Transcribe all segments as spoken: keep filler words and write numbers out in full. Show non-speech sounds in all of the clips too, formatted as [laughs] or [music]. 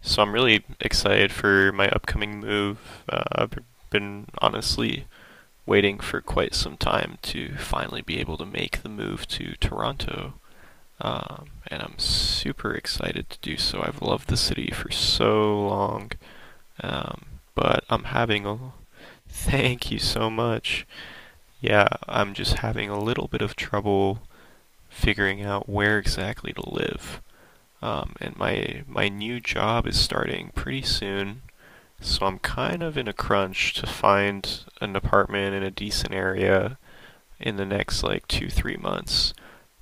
So I'm really excited for my upcoming move. Uh, I've been honestly waiting for quite some time to finally be able to make the move to Toronto. Um, and I'm super excited to do so. I've loved the city for so long. Um, but I'm having a. [laughs] Thank you so much. Yeah, I'm just having a little bit of trouble figuring out where exactly to live. Um, and my my new job is starting pretty soon. So I'm kind of in a crunch to find an apartment in a decent area in the next like two, three months.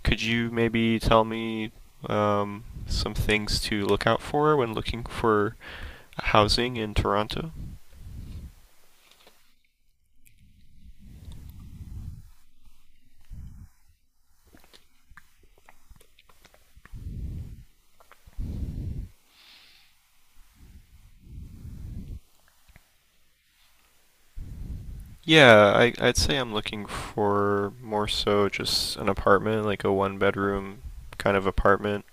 Could you maybe tell me um, some things to look out for when looking for housing in Toronto? Yeah, I, I'd say I'm looking for more so just an apartment, like a one bedroom kind of apartment,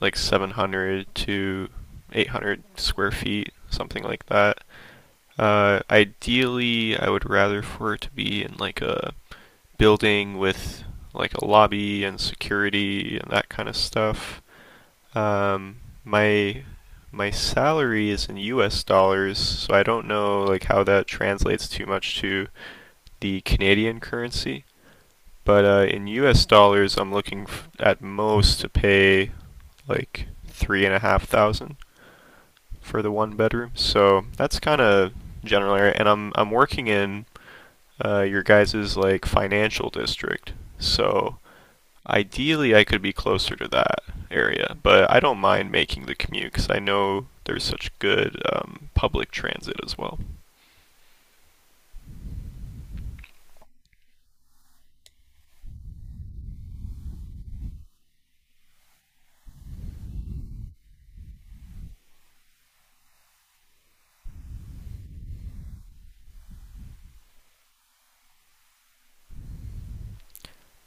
like seven hundred to eight hundred square feet, something like that. Uh, ideally, I would rather for it to be in like a building with like a lobby and security and that kind of stuff. Um, my my salary is in U S dollars, so I don't know like how that translates too much to the Canadian currency. But uh, in U S dollars, I'm looking f- at most to pay like three and a half thousand for the one bedroom. So that's kind of general area, and I'm I'm working in uh, your guys's like financial district. So ideally, I could be closer to that area, but I don't mind making the commute because I know there's such good um, public transit as well.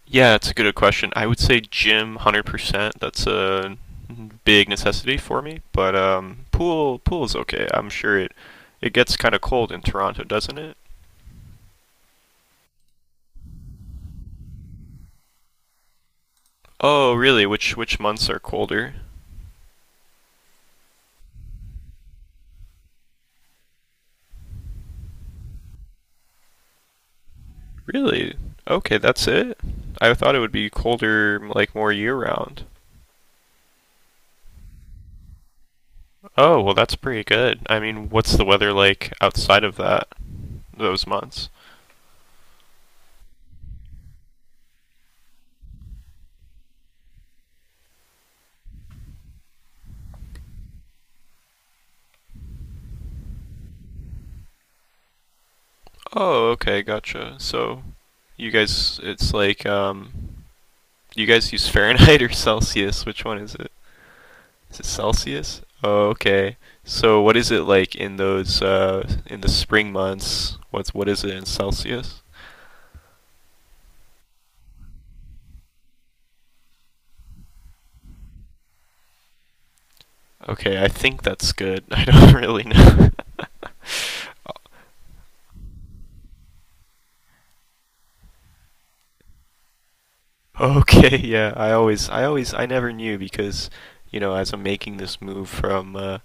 Yeah, it's a good question. I would say gym, one hundred percent. That's a big necessity for me, but um, pool pool is okay. I'm sure it it gets kind of cold in Toronto, doesn't it? Oh, really? Which which months are colder? Really? Okay, that's it? I thought it would be colder, like more year round. Oh, well, that's pretty good. I mean, what's the weather like outside of that, those months? Oh, okay, gotcha. So, you guys, it's like, um, you guys use [laughs] Fahrenheit or Celsius? Which one is it? Is it Celsius? Oh, okay. So, what is it like in those, uh, in the spring months? What's, what is it in Celsius? Okay, I think that's good. [laughs] I don't really know. [laughs] Okay, [laughs] yeah, I always, I always, I never knew because, you know, as I'm making this move from, uh,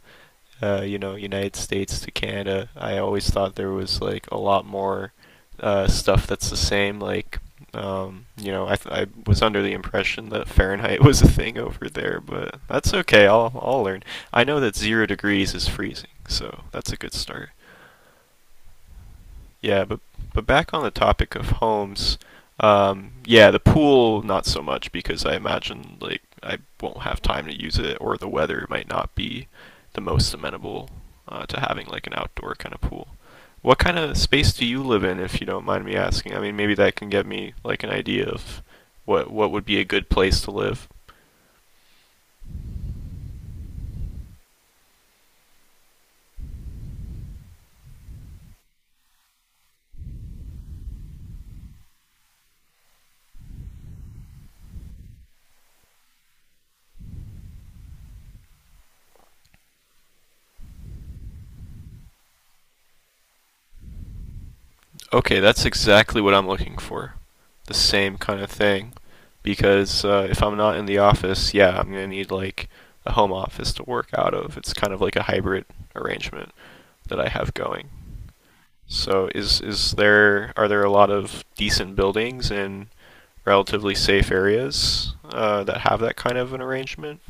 uh, you know, United States to Canada, I always thought there was like a lot more uh, stuff that's the same. Like, um, you know, I, th- I was under the impression that Fahrenheit [laughs] was a thing over there, but that's okay. I'll, I'll learn. I know that zero degrees is freezing, so that's a good start. Yeah, but but back on the topic of homes, um, yeah, the pool not so much because I imagine like I won't have time to use it, or the weather might not be the most amenable uh, to having like an outdoor kind of pool. What kind of space do you live in, if you don't mind me asking? I mean, maybe that can get me like an idea of what what would be a good place to live. Okay, that's exactly what I'm looking for. The same kind of thing. Because uh, if I'm not in the office, yeah, I'm going to need like a home office to work out of. It's kind of like a hybrid arrangement that I have going. So is is there are there a lot of decent buildings in relatively safe areas uh, that have that kind of an arrangement?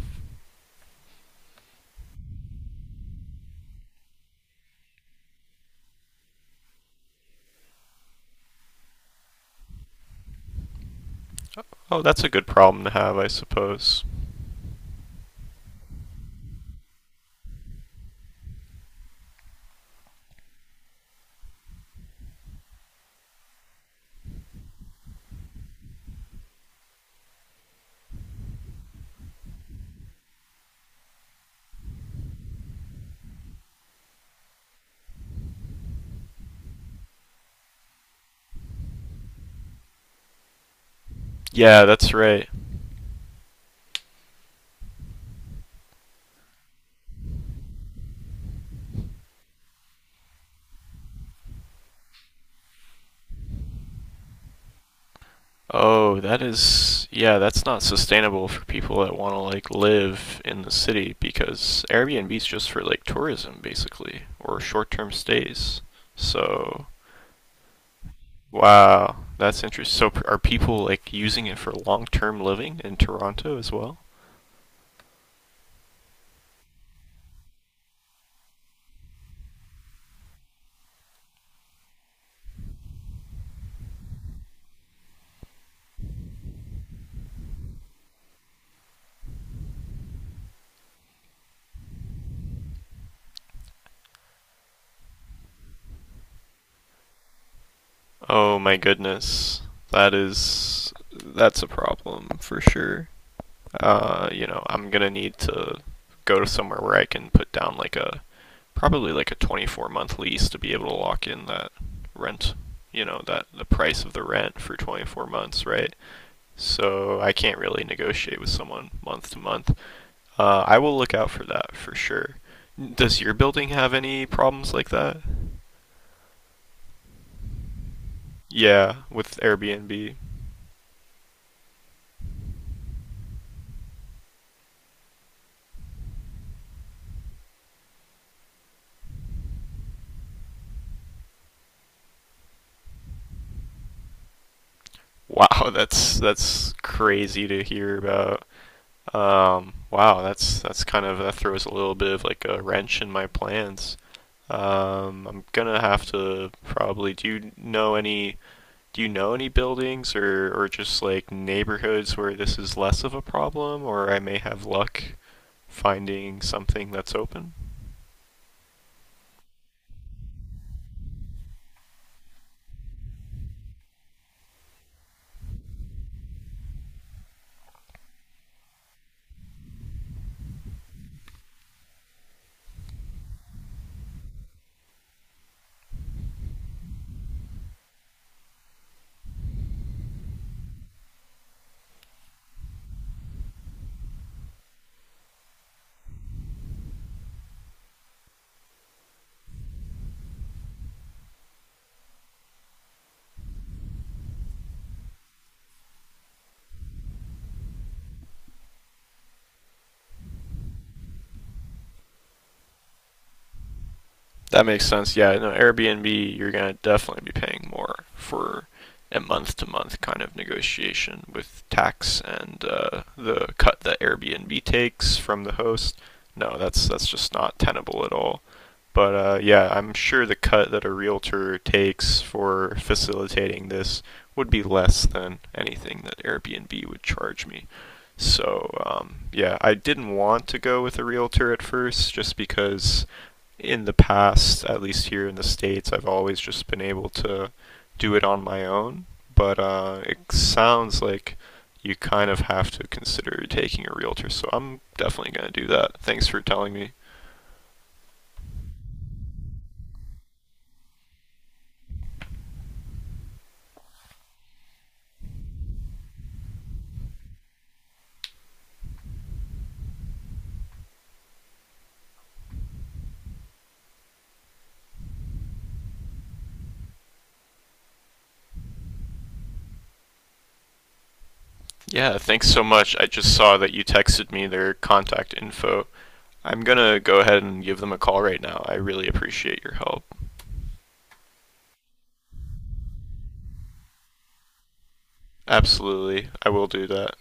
Oh, that's a good problem to have, I suppose. Yeah, that's right. Oh, that is, yeah, that's not sustainable for people that want to like live in the city because Airbnb's just for like tourism basically or short-term stays. So, wow, that's interesting. So, p- are people like using it for long-term living in Toronto as well? Oh my goodness. That is that's a problem for sure. uh, you know, I'm gonna need to go to somewhere where I can put down like a probably like a twenty-four month lease to be able to lock in that rent, you know, that the price of the rent for twenty-four months, right? So I can't really negotiate with someone month to month. Uh, I will look out for that for sure. Does your building have any problems like that? Yeah, with Airbnb. Wow, [laughs] that's that's crazy to hear about. Um, wow, that's that's kind of that throws a little bit of like a wrench in my plans. Um, I'm gonna have to probably. Do you know any? Do you know any buildings or or just like neighborhoods where this is less of a problem, or I may have luck finding something that's open? That makes sense. Yeah, no, Airbnb, you're gonna definitely be paying more for a month-to-month kind of negotiation with tax and uh, the cut that Airbnb takes from the host. No, that's that's just not tenable at all. But uh, yeah, I'm sure the cut that a realtor takes for facilitating this would be less than anything that Airbnb would charge me. So um, yeah, I didn't want to go with a realtor at first just because in the past, at least here in the States, I've always just been able to do it on my own. But uh, it sounds like you kind of have to consider taking a realtor. So I'm definitely going to do that. Thanks for telling me. Yeah, thanks so much. I just saw that you texted me their contact info. I'm going to go ahead and give them a call right now. I really appreciate your help. Absolutely. I will do that.